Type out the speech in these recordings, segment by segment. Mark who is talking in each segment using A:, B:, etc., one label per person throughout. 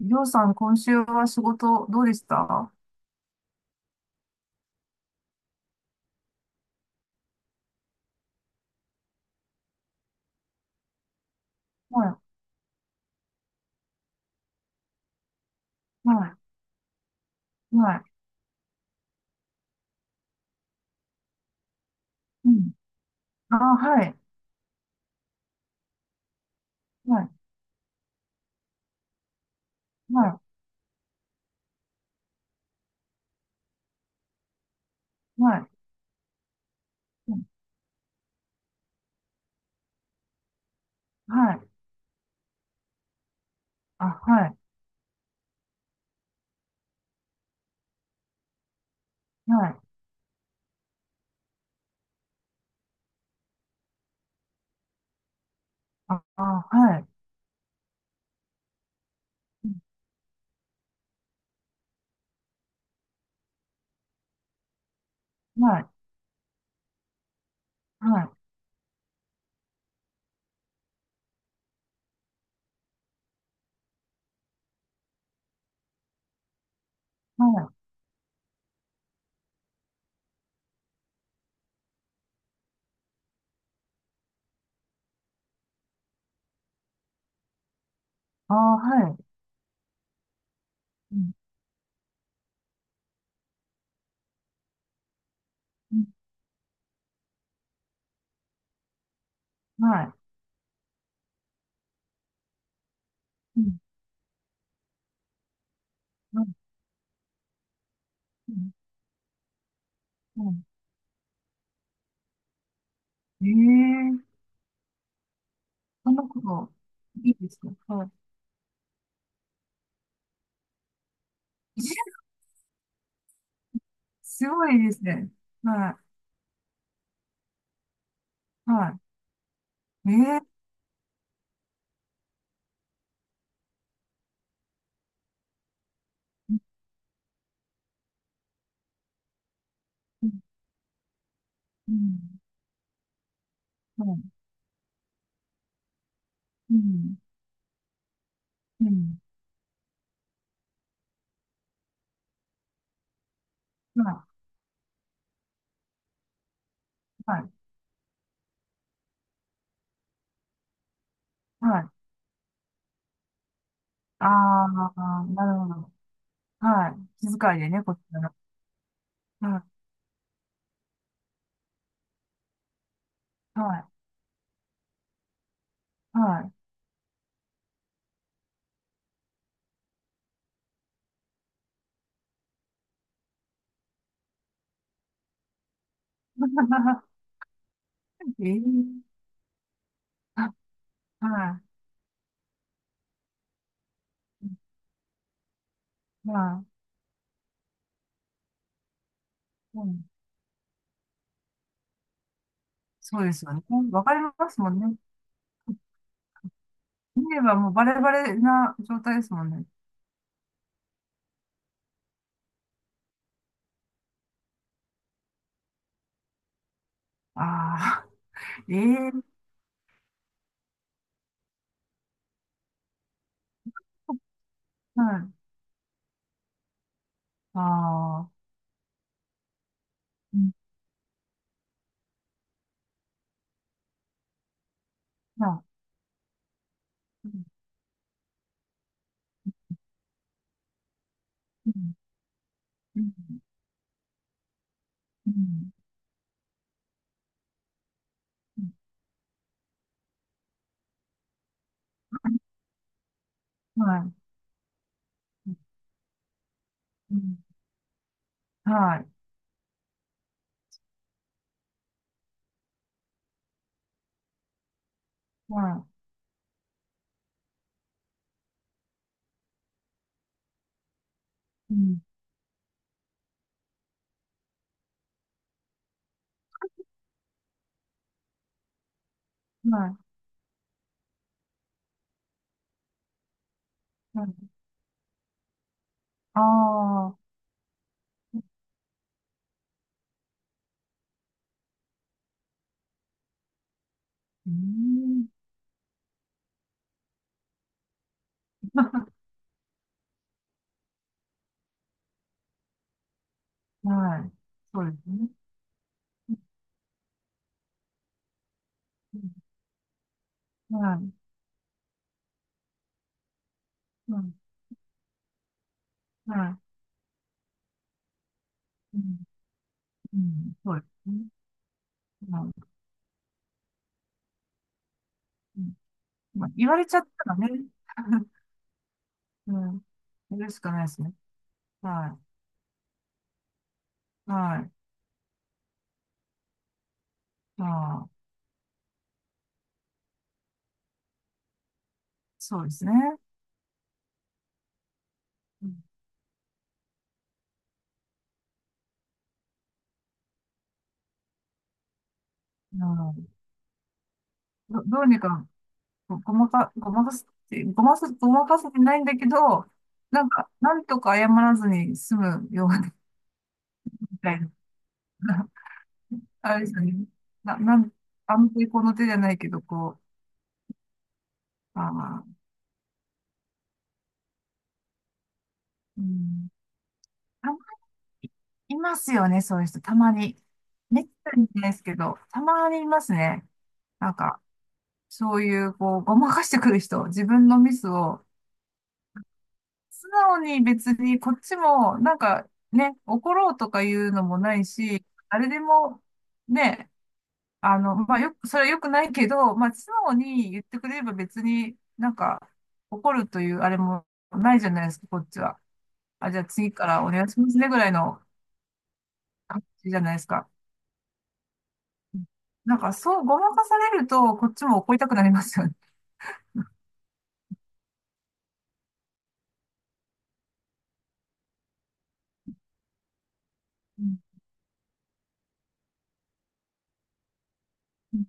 A: りょうさん、今週は仕事どうでした？はい、はい、はい。うん。あ、はい、はい、はい、はい、うん。はい、あ、はい、はい、あ、あ、はい、うん。はい、はい、はい、あ、はい、うん、うん。はい、うん、うん、うん。うん。ええ。そんなこと、いいですか？はい。すごいですね。はい、はい。ええ。うん、うん、うん、うん、うん。はい、はい、はい。ああ、なるほど。はい。気遣いでね、こっちから。はい。はい。はい。ええ。あ、はい。はい。うん。そうですよね。わかりますもんね。見ればもうバレバレな状態ですもんね。ああ。ええ。はい。ああ、うん。はい。うん。うん。うん。うん。はい。うん。はい。はい。うん。はい。はい。ああ、うん。はい。そうですね。うん。はい。はい。はい。うん。うん。そうですね。はい。うん。まあ、言われちゃったらね、うん。やるしかないですね。はい。はい。まあ、そうですね。うん。うん。どうにかごまかすって、ごまかす、ごまかせてないんだけど、なんか、なんとか謝らずに済むようなみたいな。あれですよね。な、なん、安定この手じゃないけど、こう、ああ、うん。考いますよね、そういう人。たまに。めったにいないですけど、たまにいますね。なんか、そういう、こう、ごまかしてくる人、自分のミスを、素直に別にこっちも、なんかね、怒ろうとかいうのもないし、誰でも、ね、あの、まあ、よく、それは良くないけど、まあ、素直に言ってくれれば別になんか、怒るというあれもないじゃないですか、こっちは。あ、じゃあ次からお願いしますね、ぐらいの感じじゃないですか。なんか、そう、ごまかされると、こっちも怒りたくなりますよね。うん。うん。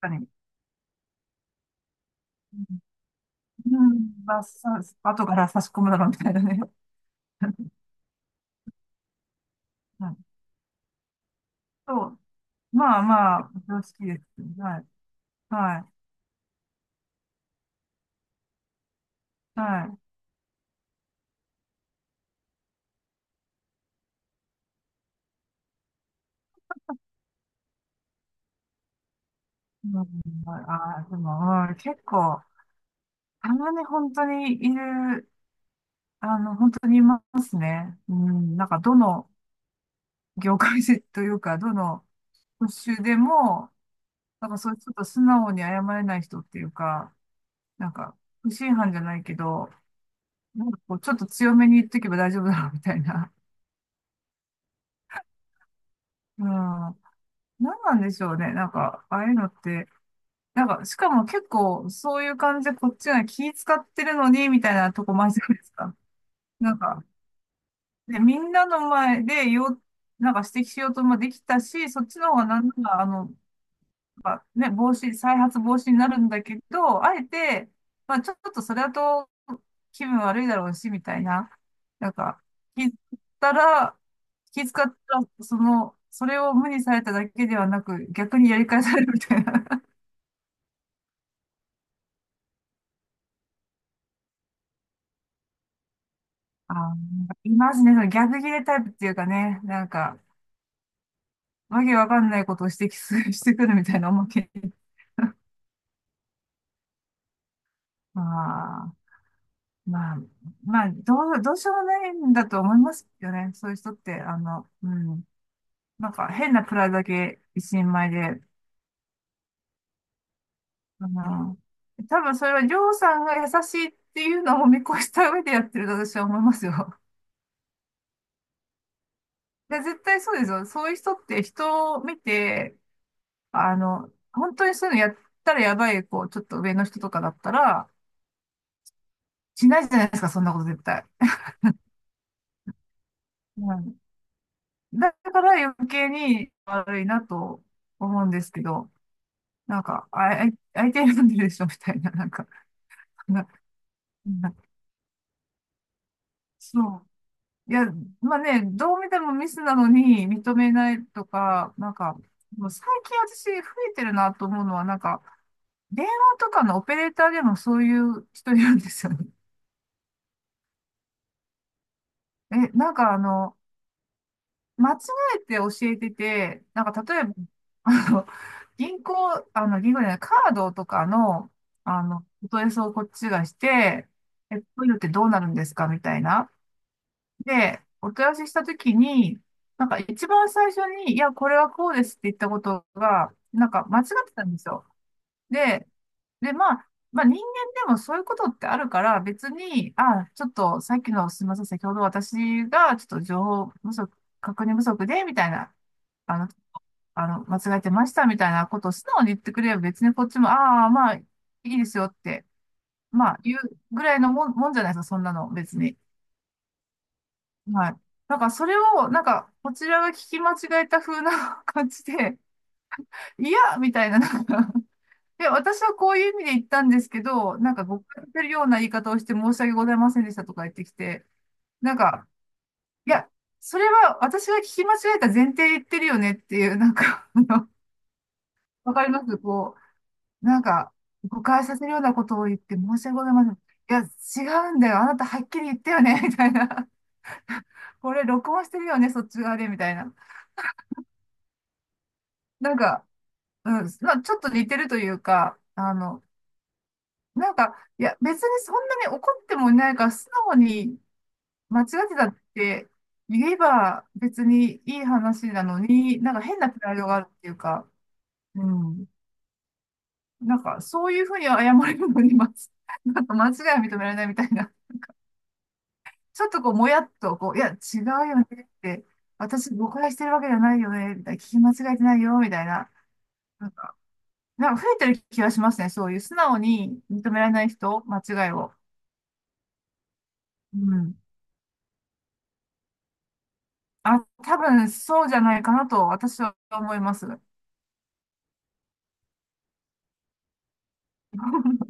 A: 確かに。うん。うん、まあ、さ、後から差し込むだろうみたいなね。はい。そう。まあまあ、常識です。はい。はい。はい。うん、ああ、でも、うん、結構、たまに本当にいる、あの、本当にいますね。うん、なんか、どの業界でというか、どの職種でも、なんかそういうちょっと素直に謝れない人っていうか、なんか、不審犯じゃないけど、なんかこう、ちょっと強めに言っとけば大丈夫だろうみたいな。うん。何なんでしょうね。なんか、ああいうのって、なんか、しかも結構、そういう感じでこっちが気使ってるのに、みたいなとこもあるじゃないですか。なんか、で、みんなの前でよ、なんか指摘しようともできたし、そっちの方がなんなら、あの、まあね、防止、再発防止になるんだけど、あえて、まあ、ちょっとそれだと気分悪いだろうし、みたいな。なんか、気づったら、気遣ったら、その、それを無にされただけではなく、逆にやり返されるみたいな。あー、なんかいますね。その逆ギレタイプっていうかね、なんか、わけわかんないことを指摘する、してくるみたいなおまけに。まあ、まあ、まあ、どうしようもないんだと思いますよね。そういう人って、あの、うん。なんか変なプライドだけ一人前で、あの、多分それはりょうさんが優しいっていうのを見越した上でやってると私は思いますよ。で、絶対そうですよ。そういう人って人を見て、あの、本当にそういうのやったらやばい、こう、ちょっと上の人とかだったら、しないじゃないですか、そんなこと絶対。うん、だから余計に悪いなと思うんですけど、なんか、あ、相手選んでるでしょ、みたいな、なんか、ななそう。いや、まあね、どう見てもミスなのに認めないとか、なんか、もう最近私増えてるなと思うのは、なんか、電話とかのオペレーターでもそういう人いるんですよね。え、なんかあの、間違えて教えてて、なんか例えば、あの、銀行、あの、銀行じゃない、カードとかの、あの、お問い合わせをこっちがして、え、こういうのってどうなるんですかみたいな。で、お問い合わせしたときに、なんか一番最初に、いや、これはこうですって言ったことが、なんか間違ってたんですよ。で、で、まあ、まあ人間でもそういうことってあるから、別に、あ、ちょっとさっきの、すみません、先ほど私がちょっと情報不足、確認不足で、みたいな、あの、あの、間違えてました、みたいなことを素直に言ってくれれば、別にこっちも、ああ、まあ、いいですよって、まあ、言うぐらいのもんじゃないですか、そんなの、別に。はい。なんかそれを、なんか、こちらが聞き間違えた風な 感じで、いや、みたいな、なんかで、私はこういう意味で言ったんですけど、なんか誤解してるような言い方をして申し訳ございませんでしたとか言ってきて、なんか、いや、それは私が聞き間違えた前提で言ってるよねっていう、なんか、あの、わかりますこう、なんか、誤解させるようなことを言って申し訳ございません。いや、違うんだよ。あなたはっきり言ったよね、みたいな。これ録音してるよね、そっち側で、みたいな。なんか、うん、まあ、ちょっと似てるというか、あの、なんか、いや、別にそんなに怒ってもいないから、素直に間違ってたって言えば別にいい話なのに、なんか変なプライドがあるっていうか、うん。なんか、そういうふうに謝れるのに、なんか間違いは認められないみたいな、ちょっとこう、もやっと、こう、いや、違うよねって、私誤解してるわけじゃないよね、みたいな、聞き間違えてないよ、みたいな。なんか、なんか増えてる気がしますね、そういう素直に認められない人、間違いを。うん。あ、多分そうじゃないかなと私は思います。